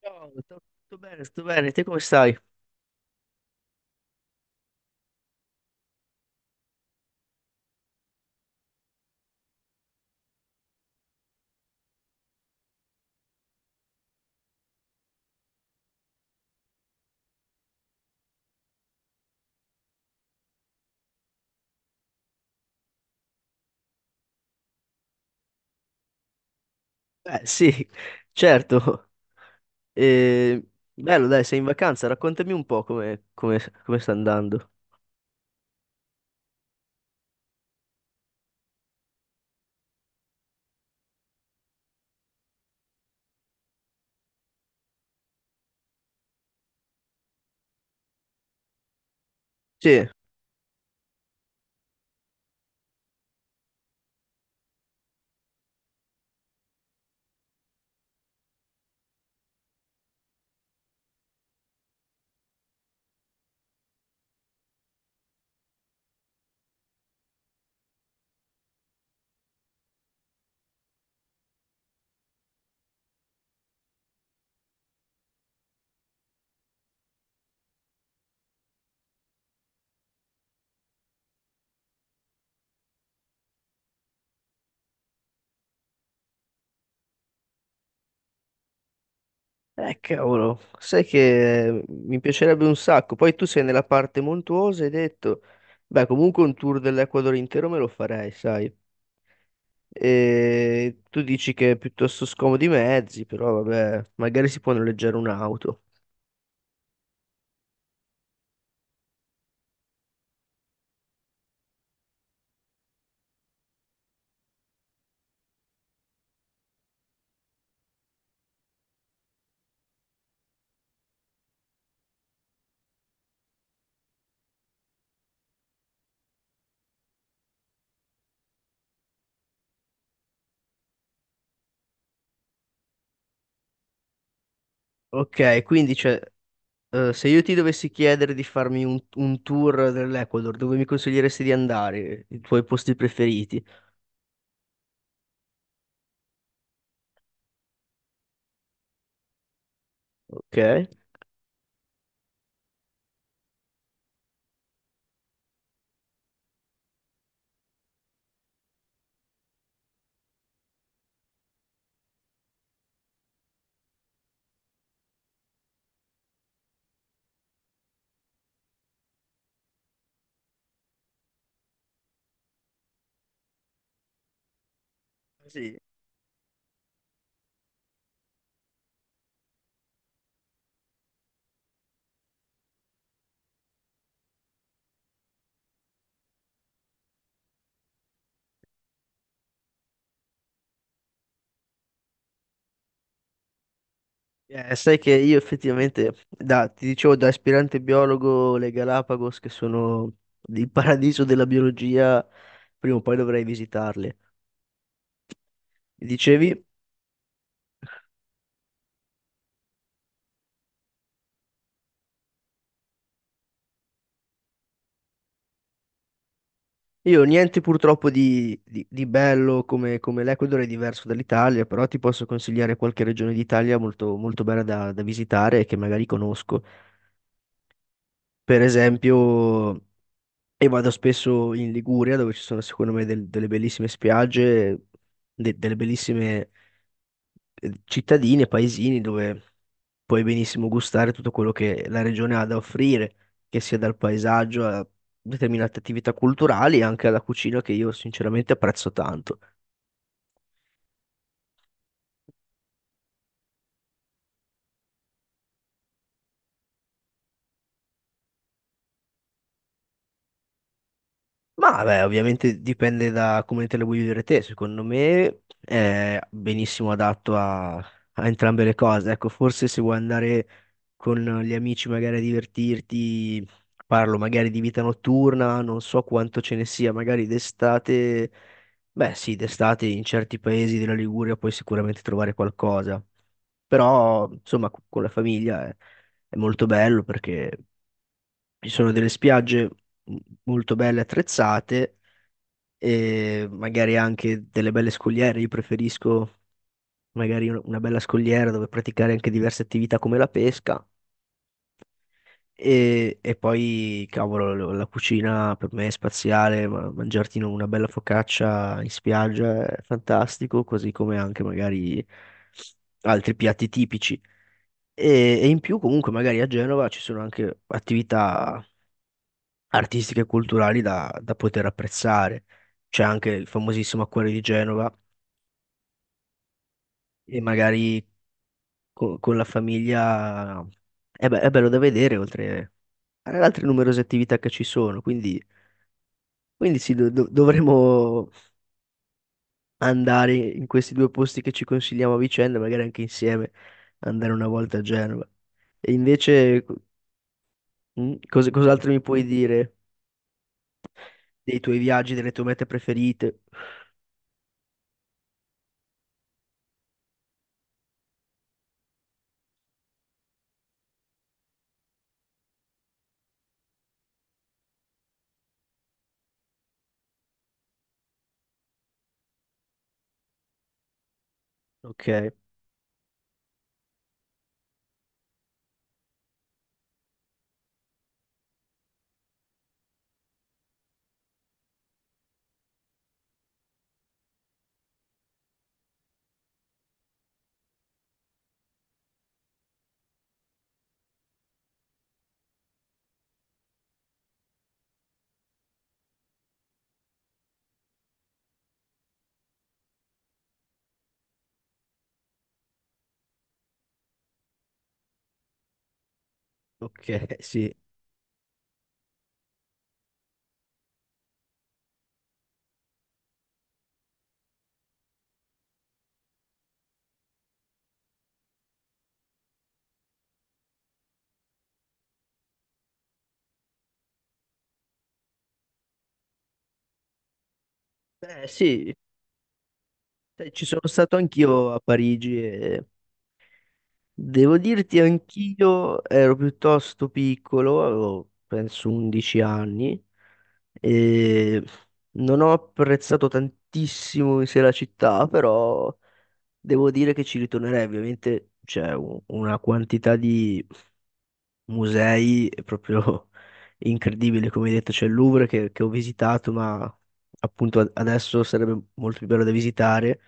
Ciao, tutto bene, tutto bene, te come stai? Beh, sì, certo. Eh, Bello, dai, sei in vacanza, raccontami un po' come sta andando. Sì, cavolo, sai che mi piacerebbe un sacco. Poi tu sei nella parte montuosa, hai detto, beh, comunque un tour dell'Ecuador intero me lo farei, sai. E tu dici che è piuttosto scomodo i mezzi, però vabbè, magari si può noleggiare un'auto. Ok, quindi c'è. Se io ti dovessi chiedere di farmi un tour dell'Ecuador, dove mi consiglieresti di andare? I tuoi posti preferiti? Ok. Sì. Sai che io effettivamente, ti dicevo, da aspirante biologo, le Galapagos, che sono il paradiso della biologia, prima o poi dovrei visitarle. Mi dicevi, io niente purtroppo di bello come, come l'Ecuador è diverso dall'Italia, però ti posso consigliare qualche regione d'Italia molto, molto bella da visitare e che magari conosco. Per esempio, e vado spesso in Liguria, dove ci sono secondo me delle bellissime spiagge, delle bellissime cittadine, paesini dove puoi benissimo gustare tutto quello che la regione ha da offrire, che sia dal paesaggio a determinate attività culturali e anche alla cucina che io sinceramente apprezzo tanto. Ma beh, ovviamente dipende da come te le vuoi vivere te. Secondo me è benissimo adatto a entrambe le cose. Ecco, forse se vuoi andare con gli amici magari a divertirti, parlo magari di vita notturna, non so quanto ce ne sia, magari d'estate, beh sì, d'estate in certi paesi della Liguria puoi sicuramente trovare qualcosa. Però, insomma, con la famiglia è molto bello perché ci sono delle spiagge m- molto belle attrezzate e magari anche delle belle scogliere. Io preferisco magari una bella scogliera dove praticare anche diverse attività come la pesca. E poi, cavolo, la cucina per me è spaziale, ma mangiarti una bella focaccia in spiaggia è fantastico, così come anche magari altri piatti tipici. E in più, comunque, magari a Genova ci sono anche attività artistiche e culturali da poter apprezzare. C'è anche il famosissimo Acquario di Genova, e magari con la famiglia è, è bello da vedere, oltre alle altre numerose attività che ci sono. Quindi, quindi sì, dovremmo andare in questi due posti che ci consigliamo a vicenda, magari anche insieme, andare una volta a Genova. E invece, mm, cos'altro mi puoi dire dei tuoi viaggi, delle tue mete preferite? Ok, ok, sì. Sì, sai, ci sono stato anch'io a Parigi e devo dirti, anch'io ero piuttosto piccolo, avevo penso 11 anni, e non ho apprezzato tantissimo in sé la città, però devo dire che ci ritornerei. Ovviamente c'è una quantità di musei proprio incredibile, come hai detto, c'è il Louvre che ho visitato, ma appunto adesso sarebbe molto più bello da visitare,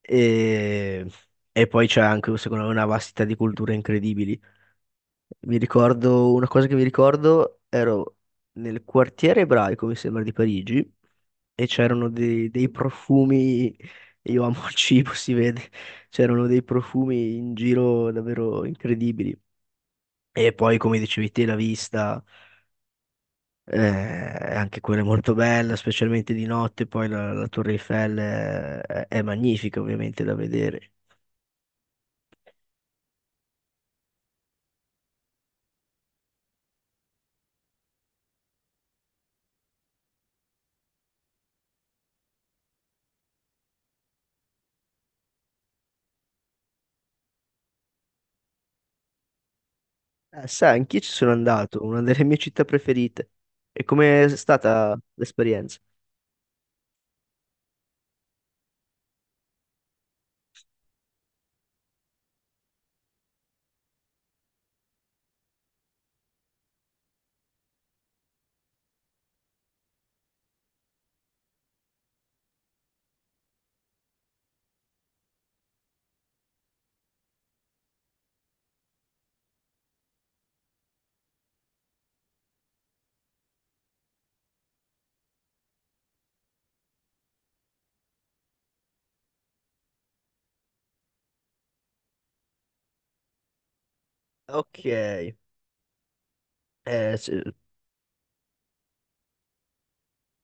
e, e poi c'è anche secondo me una vastità di culture incredibili. Mi ricordo una cosa che mi ricordo, ero nel quartiere ebraico, mi sembra, di Parigi, e c'erano dei profumi, io amo il cibo, si vede, c'erano dei profumi in giro davvero incredibili. E poi, come dicevi te, la vista, eh, anche quella è molto bella, specialmente di notte, poi la Torre Eiffel è magnifica ovviamente da vedere. Sai, anch'io ci sono andato, una delle mie città preferite. E com'è stata l'esperienza? Ok, s-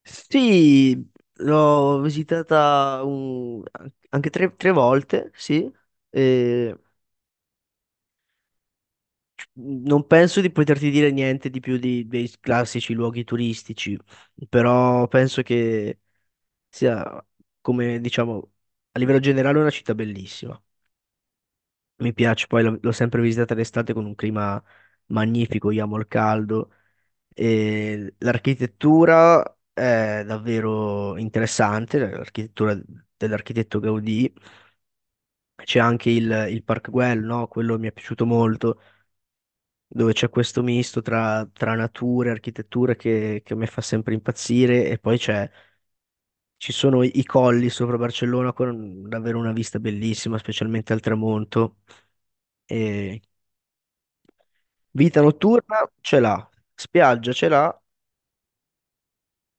sì, l'ho visitata anche tre, tre volte, sì, e non penso di poterti dire niente di più dei classici luoghi turistici, però penso che sia, come diciamo, a livello generale una città bellissima. Mi piace, poi l'ho sempre visitata d'estate con un clima magnifico, io amo il caldo. E l'architettura è davvero interessante, l'architettura dell'architetto Gaudì. C'è anche il Park Güell, no? Quello mi è piaciuto molto, dove c'è questo misto tra natura e architettura che a me fa sempre impazzire. E poi c'è, ci sono i colli sopra Barcellona con davvero una vista bellissima, specialmente al tramonto. E vita notturna ce l'ha, spiaggia ce l'ha,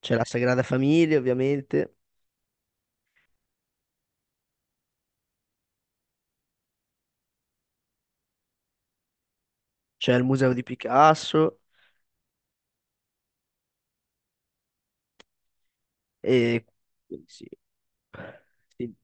c'è la Sagrada Famiglia ovviamente. C'è il museo di Picasso e quindi sì. Sì.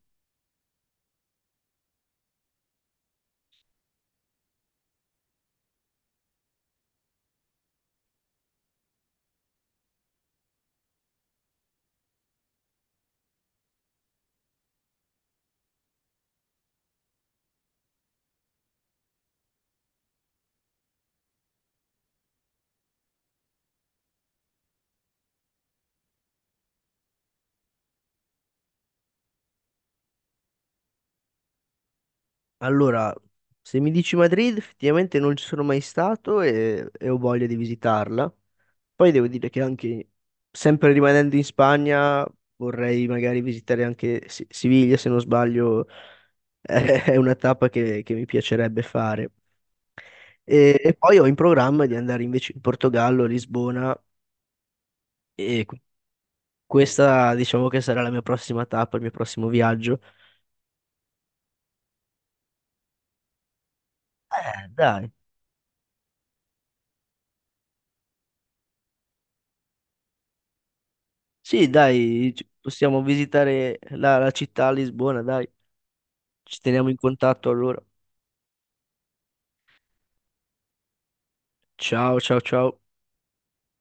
Allora, se mi dici Madrid, effettivamente non ci sono mai stato e ho voglia di visitarla. Poi devo dire che anche, sempre rimanendo in Spagna, vorrei magari visitare anche Siviglia, se non sbaglio, è una tappa che mi piacerebbe fare. E poi ho in programma di andare invece in Portogallo, Lisbona, e questa diciamo che sarà la mia prossima tappa, il mio prossimo viaggio. Dai. Sì, dai, ci- possiamo visitare la città a Lisbona, dai. Ci teniamo in contatto allora. Ciao, ciao, ciao.